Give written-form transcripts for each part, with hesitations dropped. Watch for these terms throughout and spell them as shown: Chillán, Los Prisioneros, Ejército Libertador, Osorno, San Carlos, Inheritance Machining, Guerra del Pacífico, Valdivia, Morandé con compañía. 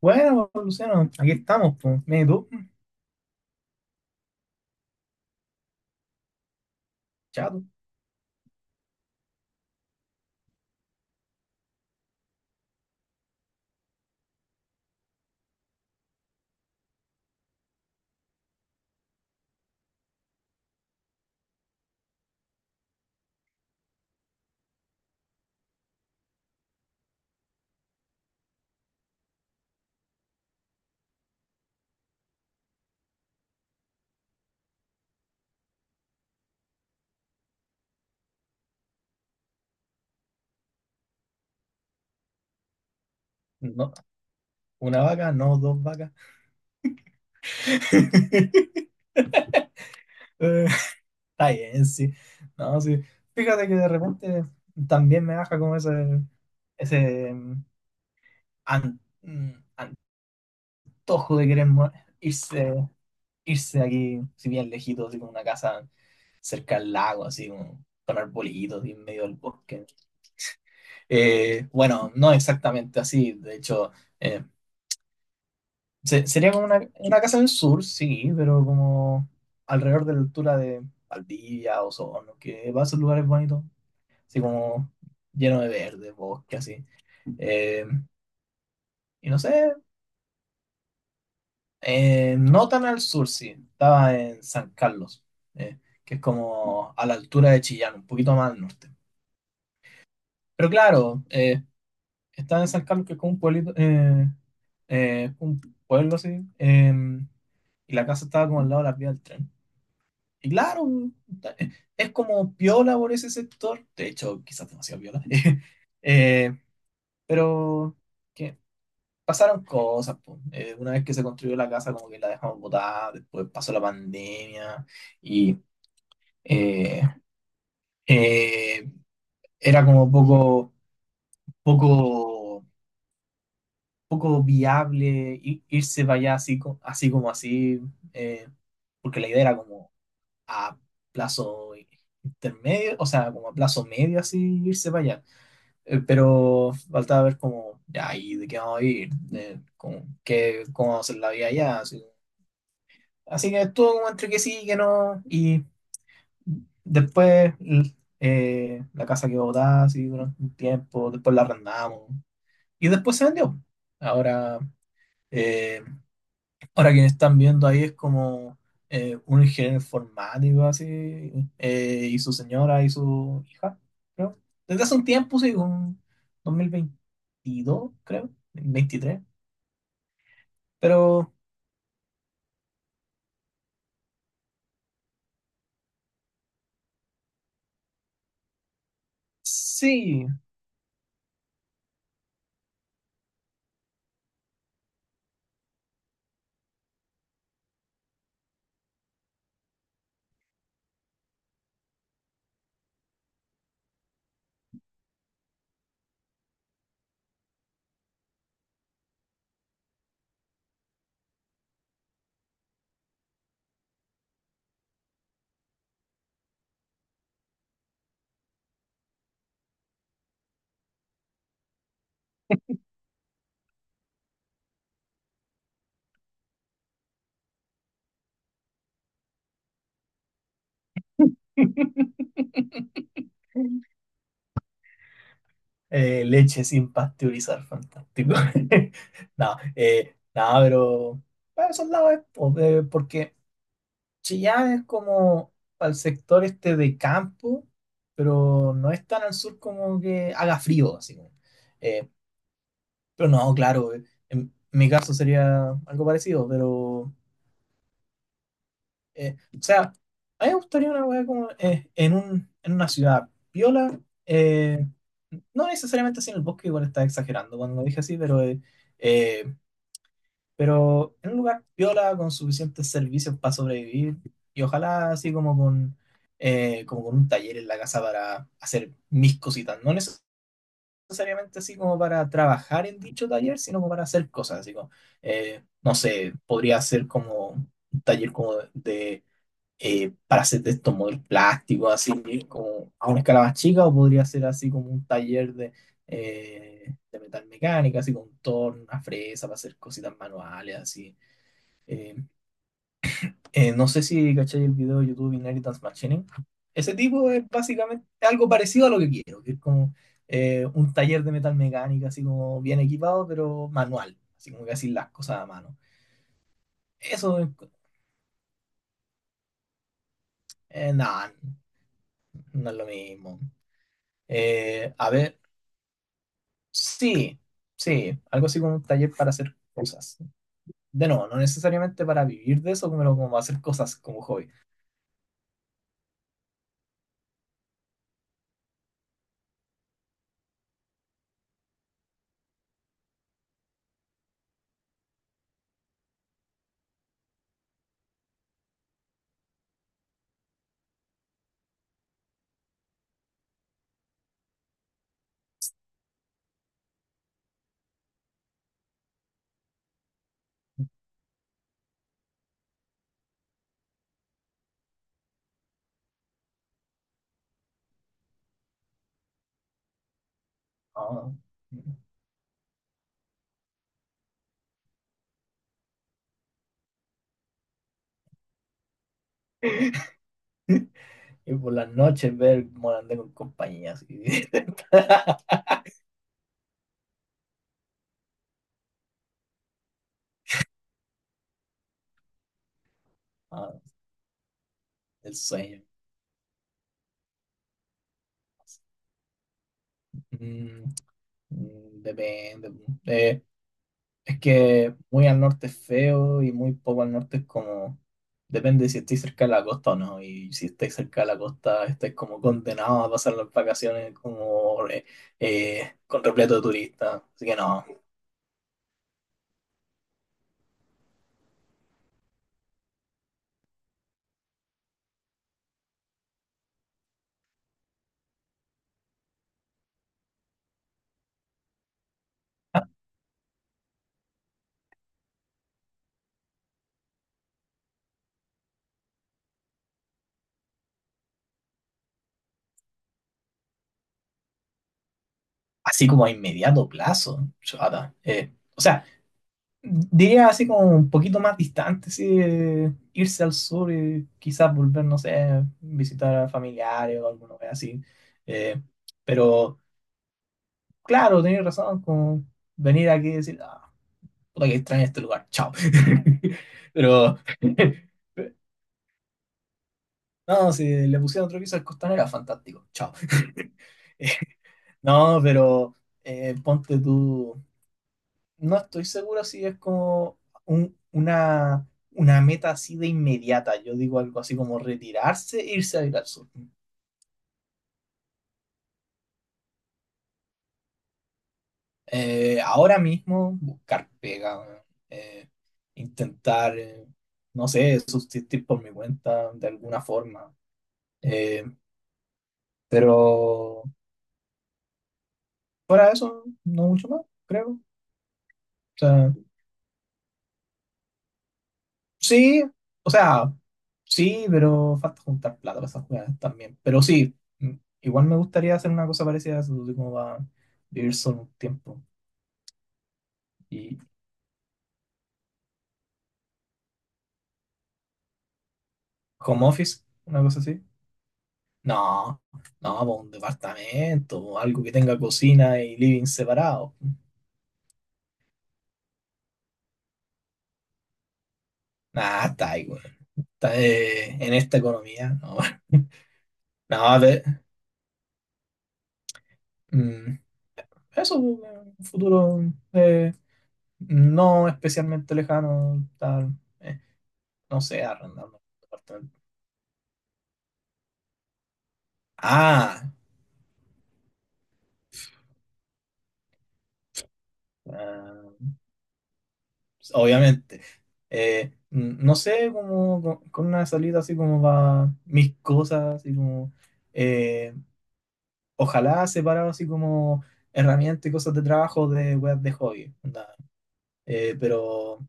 Bueno, pues, Luciano, aquí estamos, pues. Mira, ¿y tú? Chato. No, una vaca, no dos vacas. Eh, Está bien, sí. No, sí. Fíjate que de repente también me baja como ese an- mm, antojo de querer irse, irse de aquí, si bien lejito, así como una casa cerca al lago, así como con arbolitos y en medio del bosque. Bueno, no exactamente así, de hecho. eh, Sería como una casa en el sur, sí, pero como alrededor de la altura de Valdivia, Osorno, que va a ser lugares bonitos, así como lleno de verde, bosque, así. Eh, y no sé, no tan al sur, sí, estaba en San Carlos, eh, que es como a la altura de Chillán, un poquito más al norte. Pero claro, estaba en San Carlos, que es como un pueblito, un pueblo así, y la casa estaba como al lado de la vía del tren. Y claro, es como piola por ese sector, de hecho, quizás demasiado piola. Eh, pero que pasaron cosas, po. Una vez que se construyó la casa, como que la dejamos botada, después pasó la pandemia y eh, eh, era como poco, poco viable irse para allá así, así como así, eh, porque la idea era como a plazo intermedio, o sea, como a plazo medio así irse para allá. Pero faltaba ver como, ya, ¿y de qué vamos a ir? De, como, qué, ¿cómo vamos a hacer la vida allá? Así, así que estuvo como entre que sí y que no. Y después la casa quedó botada así durante un tiempo, después la arrendamos y después se vendió. Ahora, eh, ahora quienes están viendo ahí es como un ingeniero informático así, y su señora y su hija, creo. Desde hace un tiempo, sí, un 2022, creo, 23. Pero sí, leche sin pasteurizar, fantástico. No, no, pero para esos lados es porque Chillán es como al sector este de campo, pero no es tan al sur como que haga frío, así como. Eh, pero no, claro, en mi caso sería algo parecido, pero, o sea, a mí me gustaría una weá como en en una ciudad piola, eh, no necesariamente así en el bosque, igual estaba exagerando cuando lo dije así, pero eh, pero en un lugar piola con suficientes servicios para sobrevivir y ojalá así como como con un taller en la casa para hacer mis cositas. No necesariamente así como para trabajar en dicho taller, sino como para hacer cosas. Así como, no sé, podría ser como un taller como de para hacer de estos modelos plásticos, así como a una escala más chica, o podría ser así como un taller eh, de metal mecánica, así con torno, una fresa para hacer cositas manuales, así. Eh, no sé si cachai el video de YouTube Inheritance Machining. Ese tipo es básicamente algo parecido a lo que quiero, que es como un taller de metal mecánica, así como bien equipado, pero manual, así como que así las cosas a mano. Eso, nada, no es lo mismo. A ver, sí, sí, algo así como un taller para hacer cosas. De nuevo, no necesariamente para vivir de eso, pero como hacer cosas como hobby. Ah, y por las noches ver Morandé con compañía, así. Ah, el sueño. Mm, mm, depende. Eh, es que muy al norte es feo y muy poco al norte es como. Depende de si estáis cerca de la costa o no. Y si estáis cerca de la costa, estáis como condenados a pasar las vacaciones como con repleto de turistas. Así que no. Ah, así como a inmediato plazo, chata. O sea, diría así como un poquito más distante, sí, irse al sur y quizás volver, no sé, visitar a familiares o alguna vez así. Eh, pero claro, tenés razón, como venir aquí y decir, ah, puta que extraño este lugar, chao. Pero no, si le pusieran otro piso al costanera, fantástico, chao. No, pero ponte tú. No estoy seguro si es como un- una, una meta así de inmediata. Yo digo algo así como retirarse e irse a vivir al sur. Ahora mismo buscar pega, weón. Eh, Intentar, no sé, subsistir por mi cuenta de alguna forma. Eh, pero fuera de eso, no mucho más, creo. Sí, o sea, sí, pero falta juntar plata para esas jugadas también. Pero sí, mm, igual me gustaría hacer una cosa parecida a eso, de como va a vivir solo un tiempo. Y home office, una cosa así. No, no, po, un departamento, po, algo que tenga cocina y living separado. Nah, está ahí, güey. Está, en esta economía, no. No, a ver, mm, eso, po, un futuro eh, no especialmente lejano, tal, eh, no sé, arrendando. Ah, ah, obviamente. No sé, como con una salida así como va mis cosas, así como eh, ojalá separado así como herramientas y cosas de trabajo de weas de hobby. Onda. Pero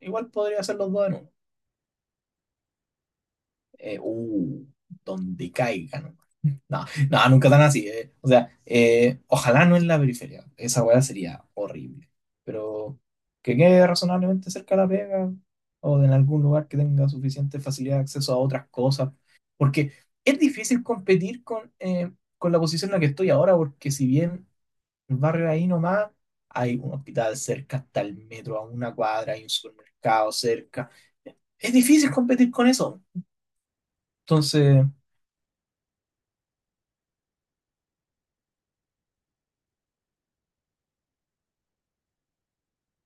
igual podría hacer los dos en uno. Eh, uh, Donde caigan. No, no, nunca tan así. Eh. O sea, ojalá no en la periferia. Esa weá sería horrible. Pero que quede razonablemente cerca de la pega o en algún lugar que tenga suficiente facilidad de acceso a otras cosas. Porque es difícil competir con la posición en la que estoy ahora, porque si bien el barrio ahí nomás, hay un hospital cerca, hasta el metro, a una cuadra, hay un supermercado cerca. Es difícil competir con eso. Entonces,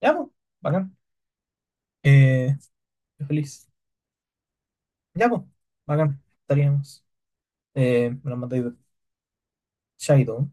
ya, pues, bacán. Eh, Feliz. Ya, pues, bacán, estaríamos. Me lo mandáis de Shadow.